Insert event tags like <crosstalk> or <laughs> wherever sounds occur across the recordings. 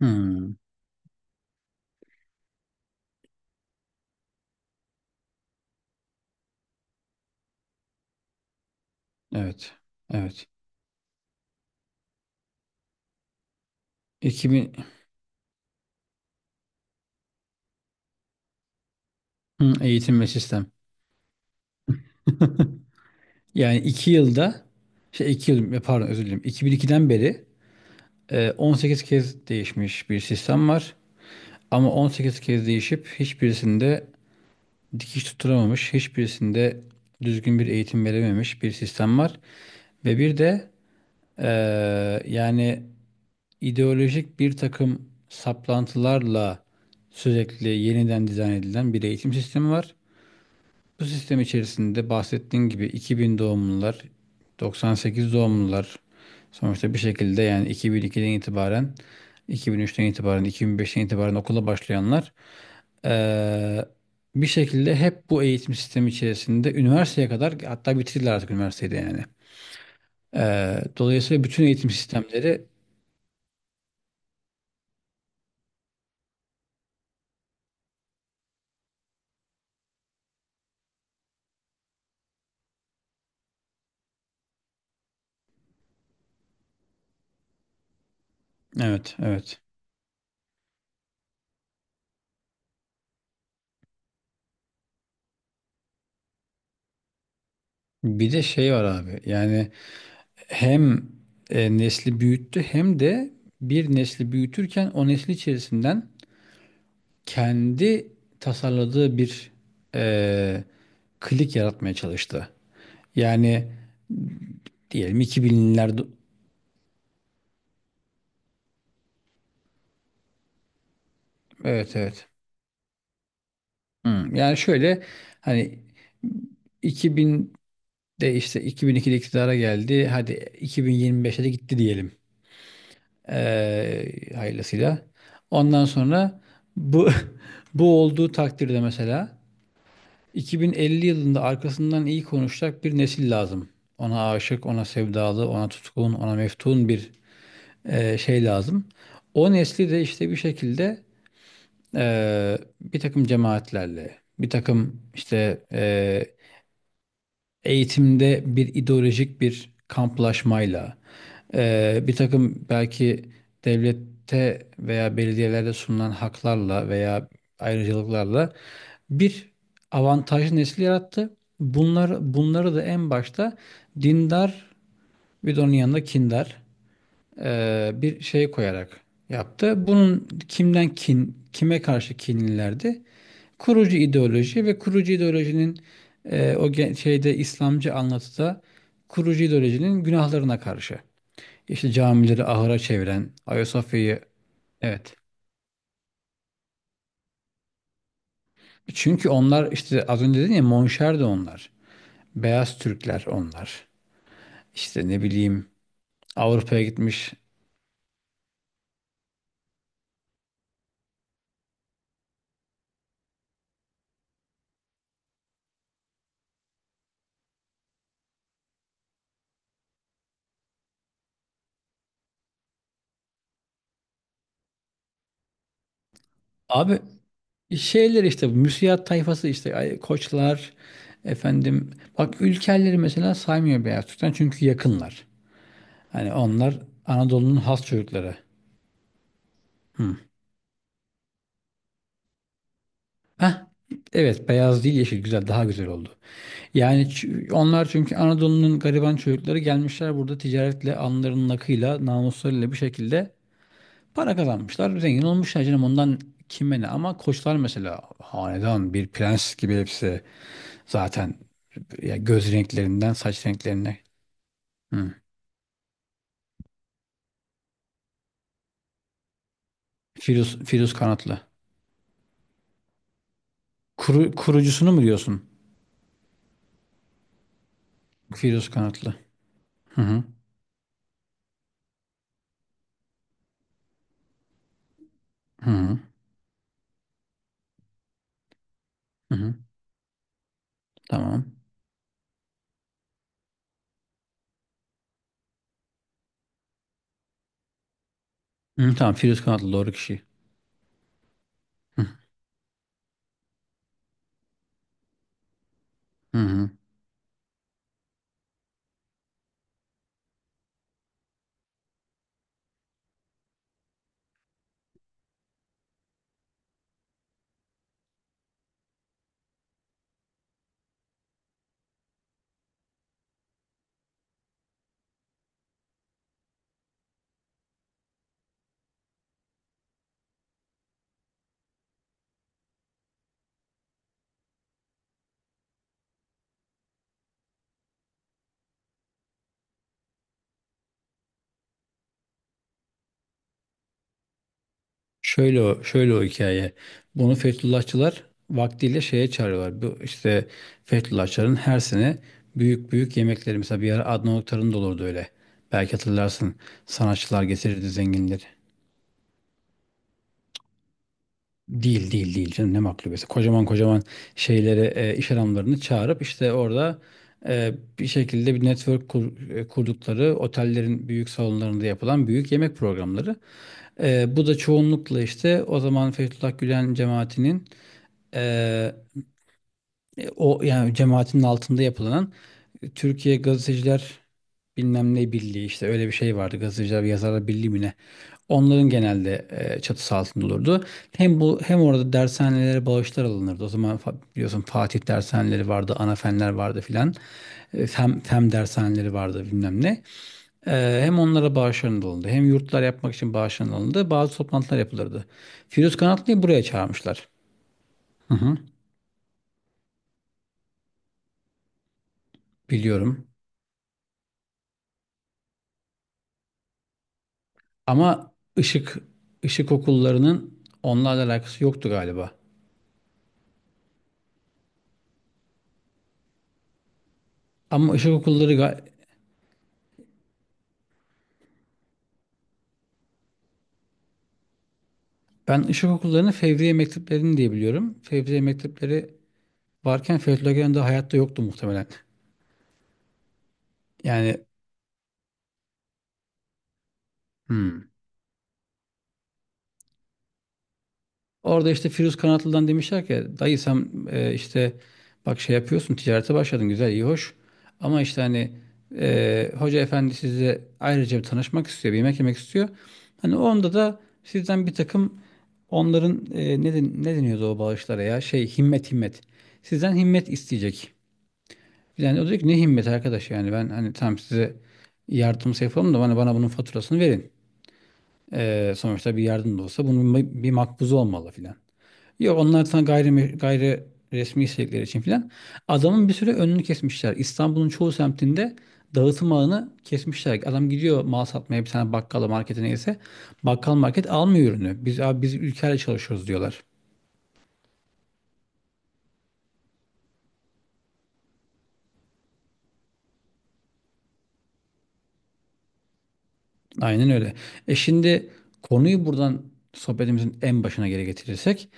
Hmm, evet. Evet. 2000. Eğitim ve sistem. <laughs> Yani 2 yılda 2 yıl, pardon, özür dilerim. 2002'den beri 18 kez değişmiş bir sistem var. Ama 18 kez değişip hiçbirisinde dikiş tutturamamış, hiçbirisinde düzgün bir eğitim verememiş bir sistem var. Ve bir de e, yani ideolojik bir takım saplantılarla sürekli yeniden dizayn edilen bir eğitim sistemi var. Bu sistem içerisinde bahsettiğin gibi 2000 doğumlular, 98 doğumlular sonuçta bir şekilde yani 2002'den itibaren, 2003'ten itibaren, 2005'ten itibaren okula başlayanlar eee, bir şekilde hep bu eğitim sistemi içerisinde üniversiteye kadar, hatta bitirdiler artık üniversitede yani. Dolayısıyla bütün eğitim sistemleri. Evet, evet. Bir de şey var abi, yani hem nesli büyüttü, hem de bir nesli büyütürken o nesli içerisinden kendi tasarladığı bir eee, klik yaratmaya çalıştı. Yani diyelim 2000'lerde. Evet, evet. Yani şöyle, hani 2000'de, işte 2002'de iktidara geldi. Hadi 2025'e de gitti diyelim. Hayırlısıyla. Ondan sonra bu <laughs> bu olduğu takdirde mesela 2050 yılında arkasından iyi konuşacak bir nesil lazım. Ona aşık, ona sevdalı, ona tutkun, ona meftun bir şey lazım. O nesli de işte bir şekilde bir takım cemaatlerle, bir takım işte eğitimde bir ideolojik bir kamplaşmayla, bir takım belki devlette veya belediyelerde sunulan haklarla veya ayrıcalıklarla bir avantajlı nesil yarattı. Bunları da en başta dindar, bir de onun yanında kindar bir şey koyarak yaptı. Bunun kimden kin, kime karşı kinlilerdi? Kurucu ideoloji ve kurucu ideolojinin, şeyde, İslamcı anlatıda kurucu ideolojinin günahlarına karşı. İşte camileri ahıra çeviren, Ayasofya'yı... Evet. Çünkü onlar, işte az önce dedin ya, Monşer de onlar. Beyaz Türkler onlar. İşte ne bileyim, Avrupa'ya gitmiş. Abi şeyler işte, bu müsiat tayfası işte, koçlar, efendim, bak Ülkerleri mesela saymıyor Beyaz Türk'ten, çünkü yakınlar. Hani onlar Anadolu'nun has çocukları. Heh, evet, beyaz değil yeşil, güzel, daha güzel oldu. Onlar çünkü Anadolu'nun gariban çocukları, gelmişler burada ticaretle alnlarının akıyla namuslarıyla bir şekilde para kazanmışlar, zengin olmuşlar canım, ondan. Kime ne? Ama Koçlar mesela hanedan, bir prens gibi hepsi zaten, ya göz renklerinden saç renklerine... Hı. Firuz Kanatlı. Kurucusunu mu diyorsun? Firuz Kanatlı. Hı hı. Hı hı. Hı hı. Tamam. Hı, tamam, Firuz Kanatlı doğru kişi. Hı hı, hı. Şöyle o hikaye. Bunu Fethullahçılar vaktiyle şeye çağırıyorlar. Bu işte, Fethullahçıların her sene büyük büyük yemekleri, mesela bir ara Adnan Oktar'ın da olurdu öyle. Belki hatırlarsın. Sanatçılar getirirdi, zenginleri. Değil, değil, değil canım, ne maklubesi! Kocaman kocaman şeyleri, iş adamlarını çağırıp işte orada bir şekilde bir network kurdukları otellerin büyük salonlarında yapılan büyük yemek programları. Bu da çoğunlukla işte, o zaman Fethullah Gülen cemaatinin e, o yani cemaatinin altında yapılan Türkiye Gazeteciler bilmem ne birliği, işte öyle bir şey vardı. Gazeteciler ve Yazarlar Birliği mi ne? Onların genelde çatısı altında olurdu. Hem bu, hem orada dershanelere bağışlar alınırdı. O zaman biliyorsun Fatih dershaneleri vardı, Anafenler vardı filan. Fen dershaneleri vardı, bilmem ne. Hem onlara bağışlar alındı, hem yurtlar yapmak için bağışlar alındı. Bazı toplantılar yapılırdı. Firuz Kanatlı'yı buraya çağırmışlar. Hı hı, biliyorum. Ama ışık ışık okullarının onlarla alakası yoktu galiba. Ama ışık okulları ga- Ben ışık okullarını Fevriye mekteplerini diye biliyorum. Fevriye mektepleri varken Fethullah Gülen de hayatta yoktu muhtemelen. Yani, hmm. Orada işte Firuz Kanatlı'dan demişler ki, dayı sen işte bak şey yapıyorsun, ticarete başladın, güzel, iyi, hoş, ama işte hani hoca efendi size ayrıca bir tanışmak istiyor, bir yemek yemek istiyor. Hani onda da sizden bir takım, onların ne deniyordu o bağışlara, ya, himmet, sizden himmet isteyecek. Yani o diyor ki, ne himmet arkadaş, yani ben hani tam size yardımsa yapalım da, bana bunun faturasını verin. Sonuçta bir yardım da olsa bunun bir makbuzu olmalı filan. Yok, onlar sana gayri resmi istedikleri için filan. Adamın bir süre önünü kesmişler. İstanbul'un çoğu semtinde dağıtım ağını kesmişler. Adam gidiyor mal satmaya bir tane bakkala, markete, neyse. Bakkal, market almıyor ürünü. Biz abi, biz ülkeyle çalışıyoruz diyorlar. Aynen öyle. Şimdi konuyu buradan sohbetimizin en başına geri getirirsek,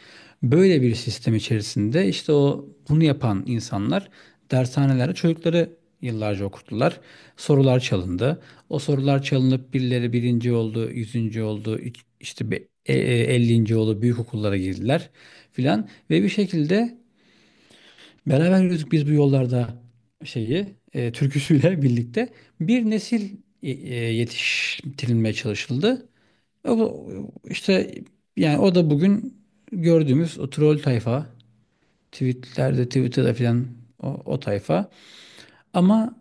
böyle bir sistem içerisinde işte o bunu yapan insanlar dershanelerde çocukları yıllarca okuttular. Sorular çalındı. O sorular çalınıp birileri birinci oldu, 100. oldu, 50. oldu, büyük okullara girdiler filan, ve bir şekilde, "Beraber yürüdük biz bu yollarda" şeyi türküsüyle <laughs> birlikte bir nesil yetiştirilmeye çalışıldı. İşte yani o da bugün gördüğümüz o troll tayfa, tweetlerde, Twitter'da filan, o tayfa. Ama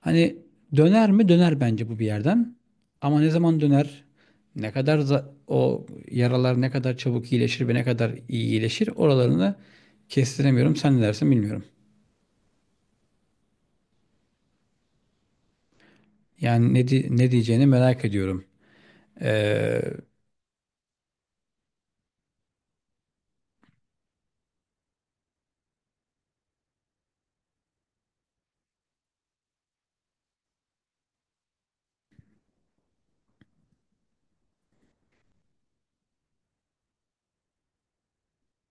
hani, döner mi? Döner bence, bu bir yerden. Ama ne zaman döner? Ne kadar o yaralar ne kadar çabuk iyileşir ve ne kadar iyi iyileşir, oralarını kestiremiyorum. Sen ne dersin bilmiyorum. Yani ne diyeceğini merak ediyorum. Ee,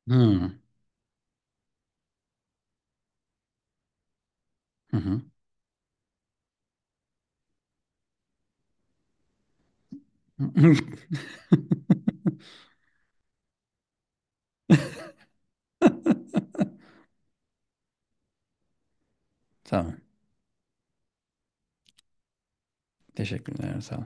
hmm, hı hı. <laughs> Tamam. Teşekkürler. Sağ ol.